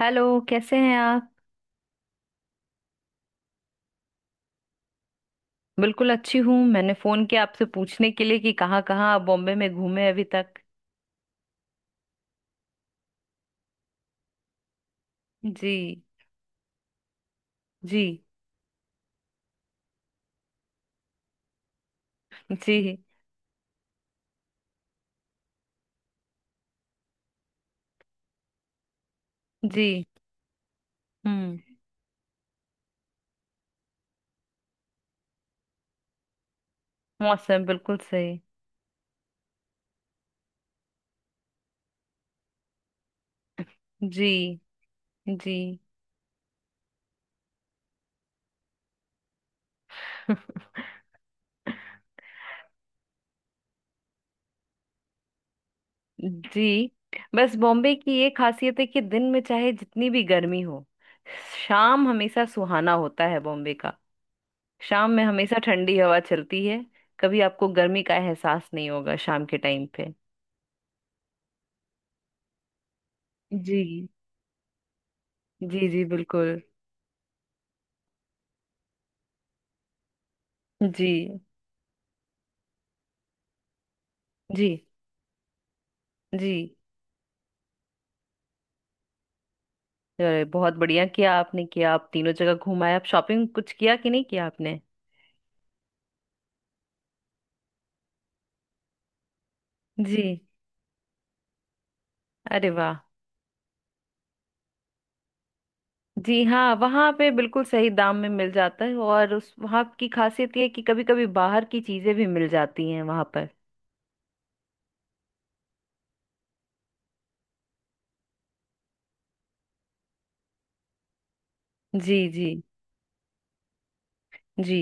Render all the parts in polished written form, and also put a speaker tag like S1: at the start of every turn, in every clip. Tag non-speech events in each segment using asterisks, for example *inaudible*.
S1: Hello. कैसे हैं आप। बिल्कुल अच्छी हूँ। मैंने फोन किया आपसे पूछने के लिए कि कहाँ कहाँ आप बॉम्बे में घूमे अभी तक। जी। जी। जी। जी। हम्म। मौसम बिल्कुल सही। जी। जी। *laughs* जी। बस बॉम्बे की ये खासियत है कि दिन में चाहे जितनी भी गर्मी हो, शाम हमेशा सुहाना होता है बॉम्बे का। शाम में हमेशा ठंडी हवा चलती है। कभी आपको गर्मी का एहसास नहीं होगा शाम के टाइम पे। जी। जी जी बिल्कुल। जी जी जी। अरे बहुत बढ़िया किया आपने, किया आप तीनों जगह घुमाए। आप शॉपिंग कुछ किया कि नहीं किया आपने। जी। अरे वाह। जी हाँ, वहाँ पे बिल्कुल सही दाम में मिल जाता है, और उस वहाँ की खासियत ये है कि कभी कभी बाहर की चीजें भी मिल जाती हैं वहाँ पर। जी जी। जी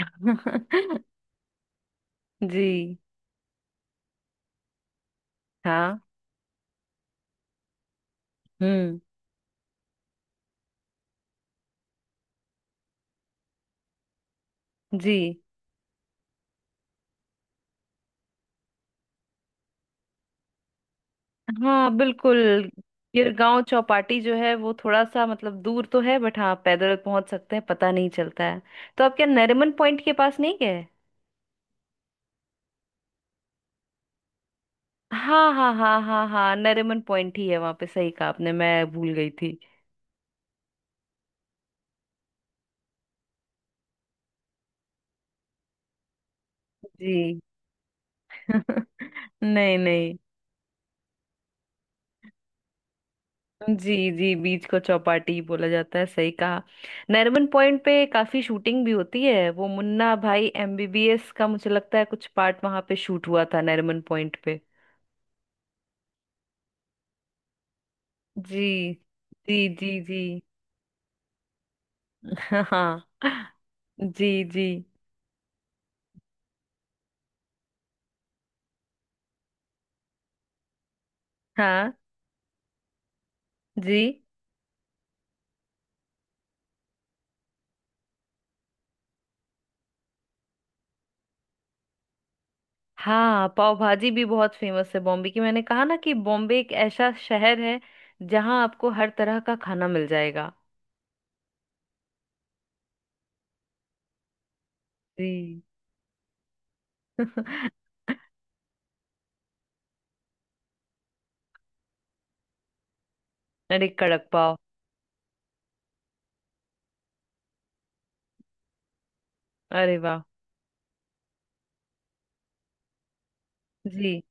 S1: *laughs* जी। हाँ। हम्म। जी। हाँ बिल्कुल। गिरगांव चौपाटी जो है वो थोड़ा सा मतलब दूर तो है, बट हाँ पैदल पहुंच सकते हैं, पता नहीं चलता है। तो आप क्या नरीमन पॉइंट के पास नहीं गए? हाँ हाँ हाँ हाँ हाँ, नरीमन पॉइंट ही है वहां पे, सही कहा आपने, मैं भूल गई थी। जी। *laughs* नहीं नहीं। जी जी, बीच को चौपाटी बोला जाता है, सही कहा। नरीमन पॉइंट पे काफी शूटिंग भी होती है, वो मुन्ना भाई एमबीबीएस का मुझे लगता है कुछ पार्ट वहां पे शूट हुआ था नरीमन पॉइंट पे। जी जी जी जी। हाँ। जी जी। हाँ। जी। हाँ, पाव भाजी भी बहुत फेमस है बॉम्बे की। मैंने कहा ना कि बॉम्बे एक ऐसा शहर है जहाँ आपको हर तरह का खाना मिल जाएगा। जी। *laughs* अरे कड़क पाव। अरे वाह। जी।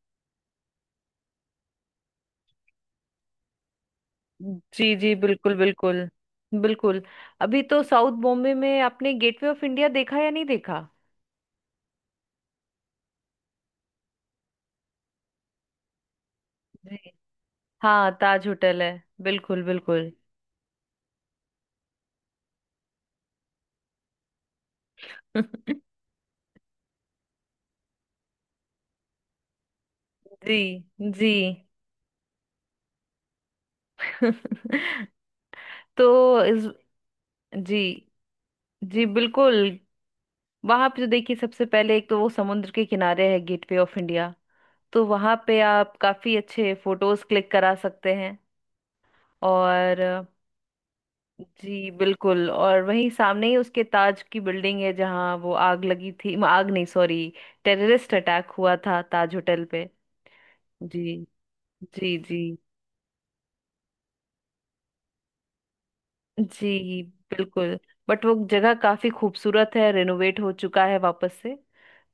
S1: जी जी बिल्कुल बिल्कुल बिल्कुल। अभी तो साउथ बॉम्बे में आपने गेटवे ऑफ इंडिया देखा या नहीं देखा? जी। हाँ ताज होटल है। बिल्कुल बिल्कुल। *laughs* जी जी। *laughs* तो इस जी जी बिल्कुल। वहां पे तो देखिए सबसे पहले एक तो वो समुद्र के किनारे है गेटवे ऑफ इंडिया, तो वहां पे आप काफी अच्छे फोटोज क्लिक करा सकते हैं। और जी बिल्कुल, और वहीं सामने ही उसके ताज की बिल्डिंग है जहाँ वो आग लगी थी, आग नहीं सॉरी, टेररिस्ट अटैक हुआ था ताज होटल पे। जी जी जी। जी बिल्कुल। बट वो जगह काफी खूबसूरत है, रेनोवेट हो चुका है वापस से,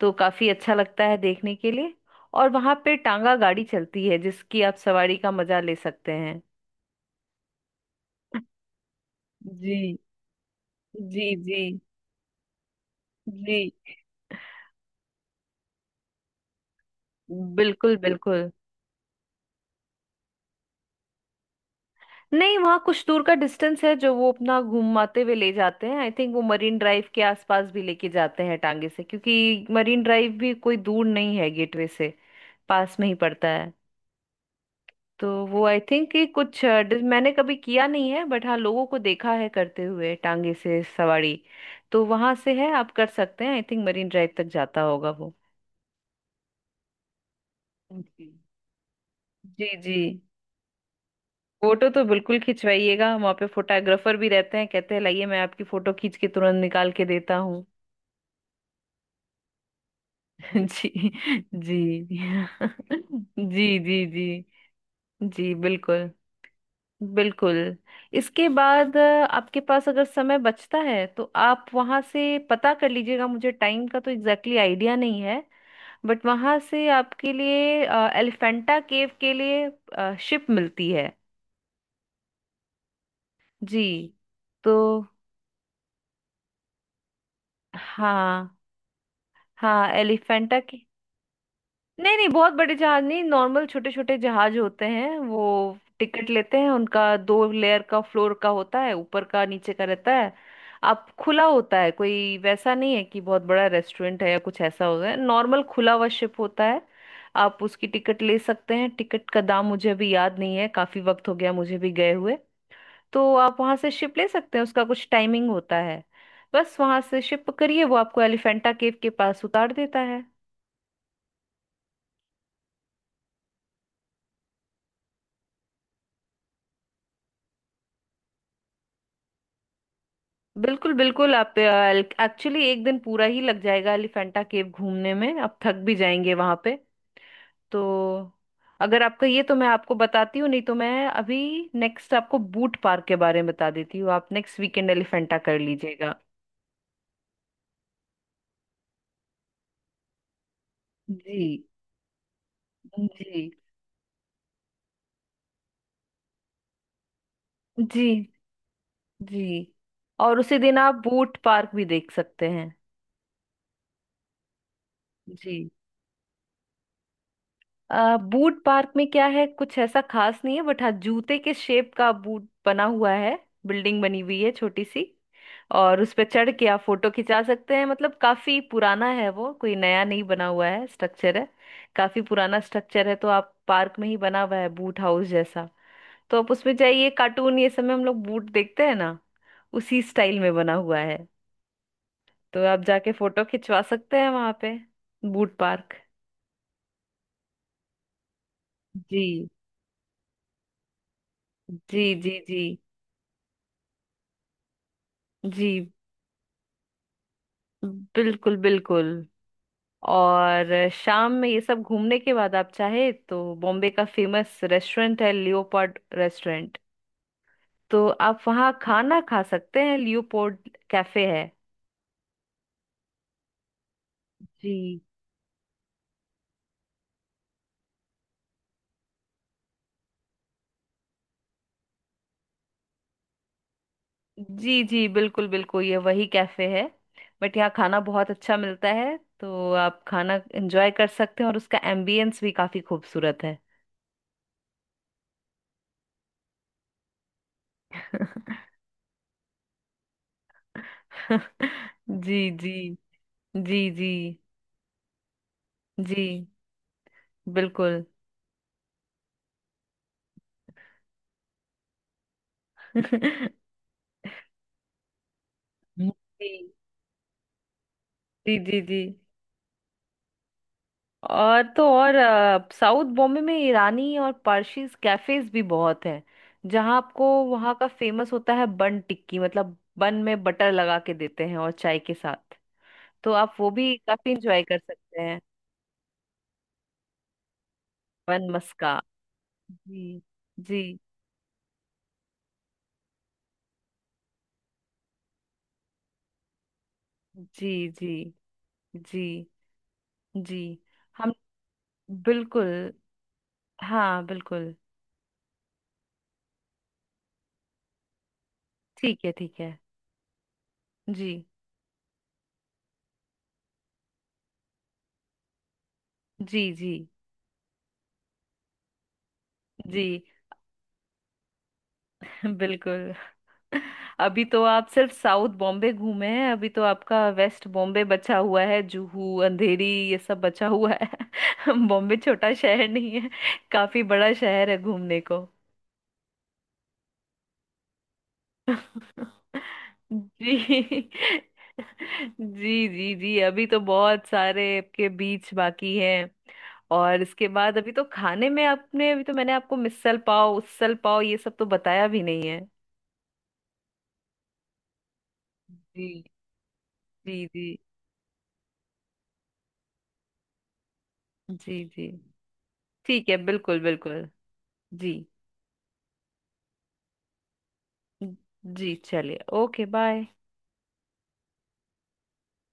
S1: तो काफी अच्छा लगता है देखने के लिए। और वहां पे टांगा गाड़ी चलती है जिसकी आप सवारी का मजा ले सकते हैं। जी जी। जी जी बिल्कुल बिल्कुल। नहीं, वहाँ कुछ दूर का डिस्टेंस है जो वो अपना घूमाते हुए ले जाते हैं, आई थिंक वो मरीन ड्राइव के आसपास भी लेके जाते हैं टांगे से, क्योंकि मरीन ड्राइव भी कोई दूर नहीं है गेटवे से। पास में ही पड़ता है। तो वो आई थिंक कि कुछ मैंने कभी किया नहीं है, बट हाँ लोगों को देखा है करते हुए टांगे से सवारी। तो वहां से है आप कर सकते हैं, आई थिंक मरीन ड्राइव तक जाता होगा वो। ओके। जी जी। फोटो तो बिल्कुल खिंचवाइएगा वहां पे, फोटोग्राफर भी रहते हैं, कहते हैं लाइए मैं आपकी फोटो खींच के तुरंत निकाल के देता हूँ। *laughs* जी जी *laughs* जी जी जी। जी बिल्कुल। बिल्कुल। इसके बाद आपके पास अगर समय बचता है तो आप वहां से पता कर लीजिएगा, मुझे टाइम का तो एग्जैक्टली आइडिया नहीं है। बट वहां से आपके लिए एलिफेंटा केव के लिए शिप मिलती है। जी। तो हाँ हाँ एलिफेंटा। नहीं नहीं, बहुत बड़े जहाज नहीं, नॉर्मल छोटे छोटे जहाज होते हैं वो। टिकट लेते हैं, उनका दो लेयर का फ्लोर का होता है, ऊपर का नीचे का रहता है। आप खुला होता है, कोई वैसा नहीं है कि बहुत बड़ा रेस्टोरेंट है या कुछ ऐसा होता है, नॉर्मल खुला हुआ शिप होता है। आप उसकी टिकट ले सकते हैं, टिकट का दाम मुझे अभी याद नहीं है, काफी वक्त हो गया मुझे भी गए हुए। तो आप वहां से शिप ले सकते हैं, उसका कुछ टाइमिंग होता है। बस वहां से शिप पकड़िए, वो आपको एलिफेंटा केव के पास उतार देता है। बिल्कुल बिल्कुल, आप एक्चुअली एक दिन पूरा ही लग जाएगा एलिफेंटा केव घूमने में, आप थक भी जाएंगे वहां पे। तो अगर आपका ये तो मैं आपको बताती हूँ, नहीं तो मैं अभी नेक्स्ट आपको बूट पार्क के बारे में बता देती हूँ। आप नेक्स्ट वीकेंड एलिफेंटा कर लीजिएगा। जी जी जी। जी, और उसी दिन आप बूट पार्क भी देख सकते हैं। जी। बूट पार्क में क्या है, कुछ ऐसा खास नहीं है, बट हाँ जूते के शेप का बूट बना हुआ है, बिल्डिंग बनी हुई है छोटी सी। और उस पे चढ़ के आप फोटो खिंचा सकते हैं, मतलब काफी पुराना है वो, कोई नया नहीं बना हुआ है, स्ट्रक्चर है। काफी पुराना स्ट्रक्चर है, तो आप पार्क में ही बना हुआ है बूट हाउस जैसा। तो आप उसमें जाइए, कार्टून ये सब में हम लोग बूट देखते हैं ना, उसी स्टाइल में बना हुआ है। तो आप जाके फोटो खिंचवा सकते हैं वहां पे। Boot park. जी जी जी जी। जी बिल्कुल बिल्कुल। और शाम में ये सब घूमने के बाद आप चाहे तो बॉम्बे का फेमस रेस्टोरेंट है, लियोपोल्ड रेस्टोरेंट, तो आप वहाँ खाना खा सकते हैं, लियोपोल्ड कैफे है। जी जी जी बिल्कुल बिल्कुल, ये वही कैफे है। बट यहाँ खाना बहुत अच्छा मिलता है, तो आप खाना एंजॉय कर सकते हैं, और उसका एम्बियंस भी काफी खूबसूरत है। *laughs* जी जी। जी जी जी बिल्कुल। *laughs* जी जी जी जी। और तो और साउथ बॉम्बे में ईरानी और पारसीज कैफेज भी बहुत हैं, जहाँ आपको वहाँ का फेमस होता है बन टिक्की, मतलब बन में बटर लगा के देते हैं और चाय के साथ, तो आप वो भी काफी इंजॉय कर सकते हैं। बन मस्का। जी जी जी जी जी जी। हम बिल्कुल। हाँ बिल्कुल। ठीक है ठीक है। जी जी जी जी। *laughs* बिल्कुल। अभी तो आप सिर्फ साउथ बॉम्बे घूमे हैं, अभी तो आपका वेस्ट बॉम्बे बचा हुआ है, जुहू अंधेरी ये सब बचा हुआ है। *laughs* बॉम्बे छोटा शहर नहीं है, काफी बड़ा शहर है घूमने को। *laughs* जी। जी जी जी, अभी तो बहुत सारे आपके बीच बाकी हैं। और इसके बाद अभी तो खाने में आपने, अभी तो मैंने आपको मिसल पाव, उसल पाव ये सब तो बताया भी नहीं है। जी जी जी जी जी। ठीक है बिल्कुल बिल्कुल। जी जी, चलिए ओके बाय।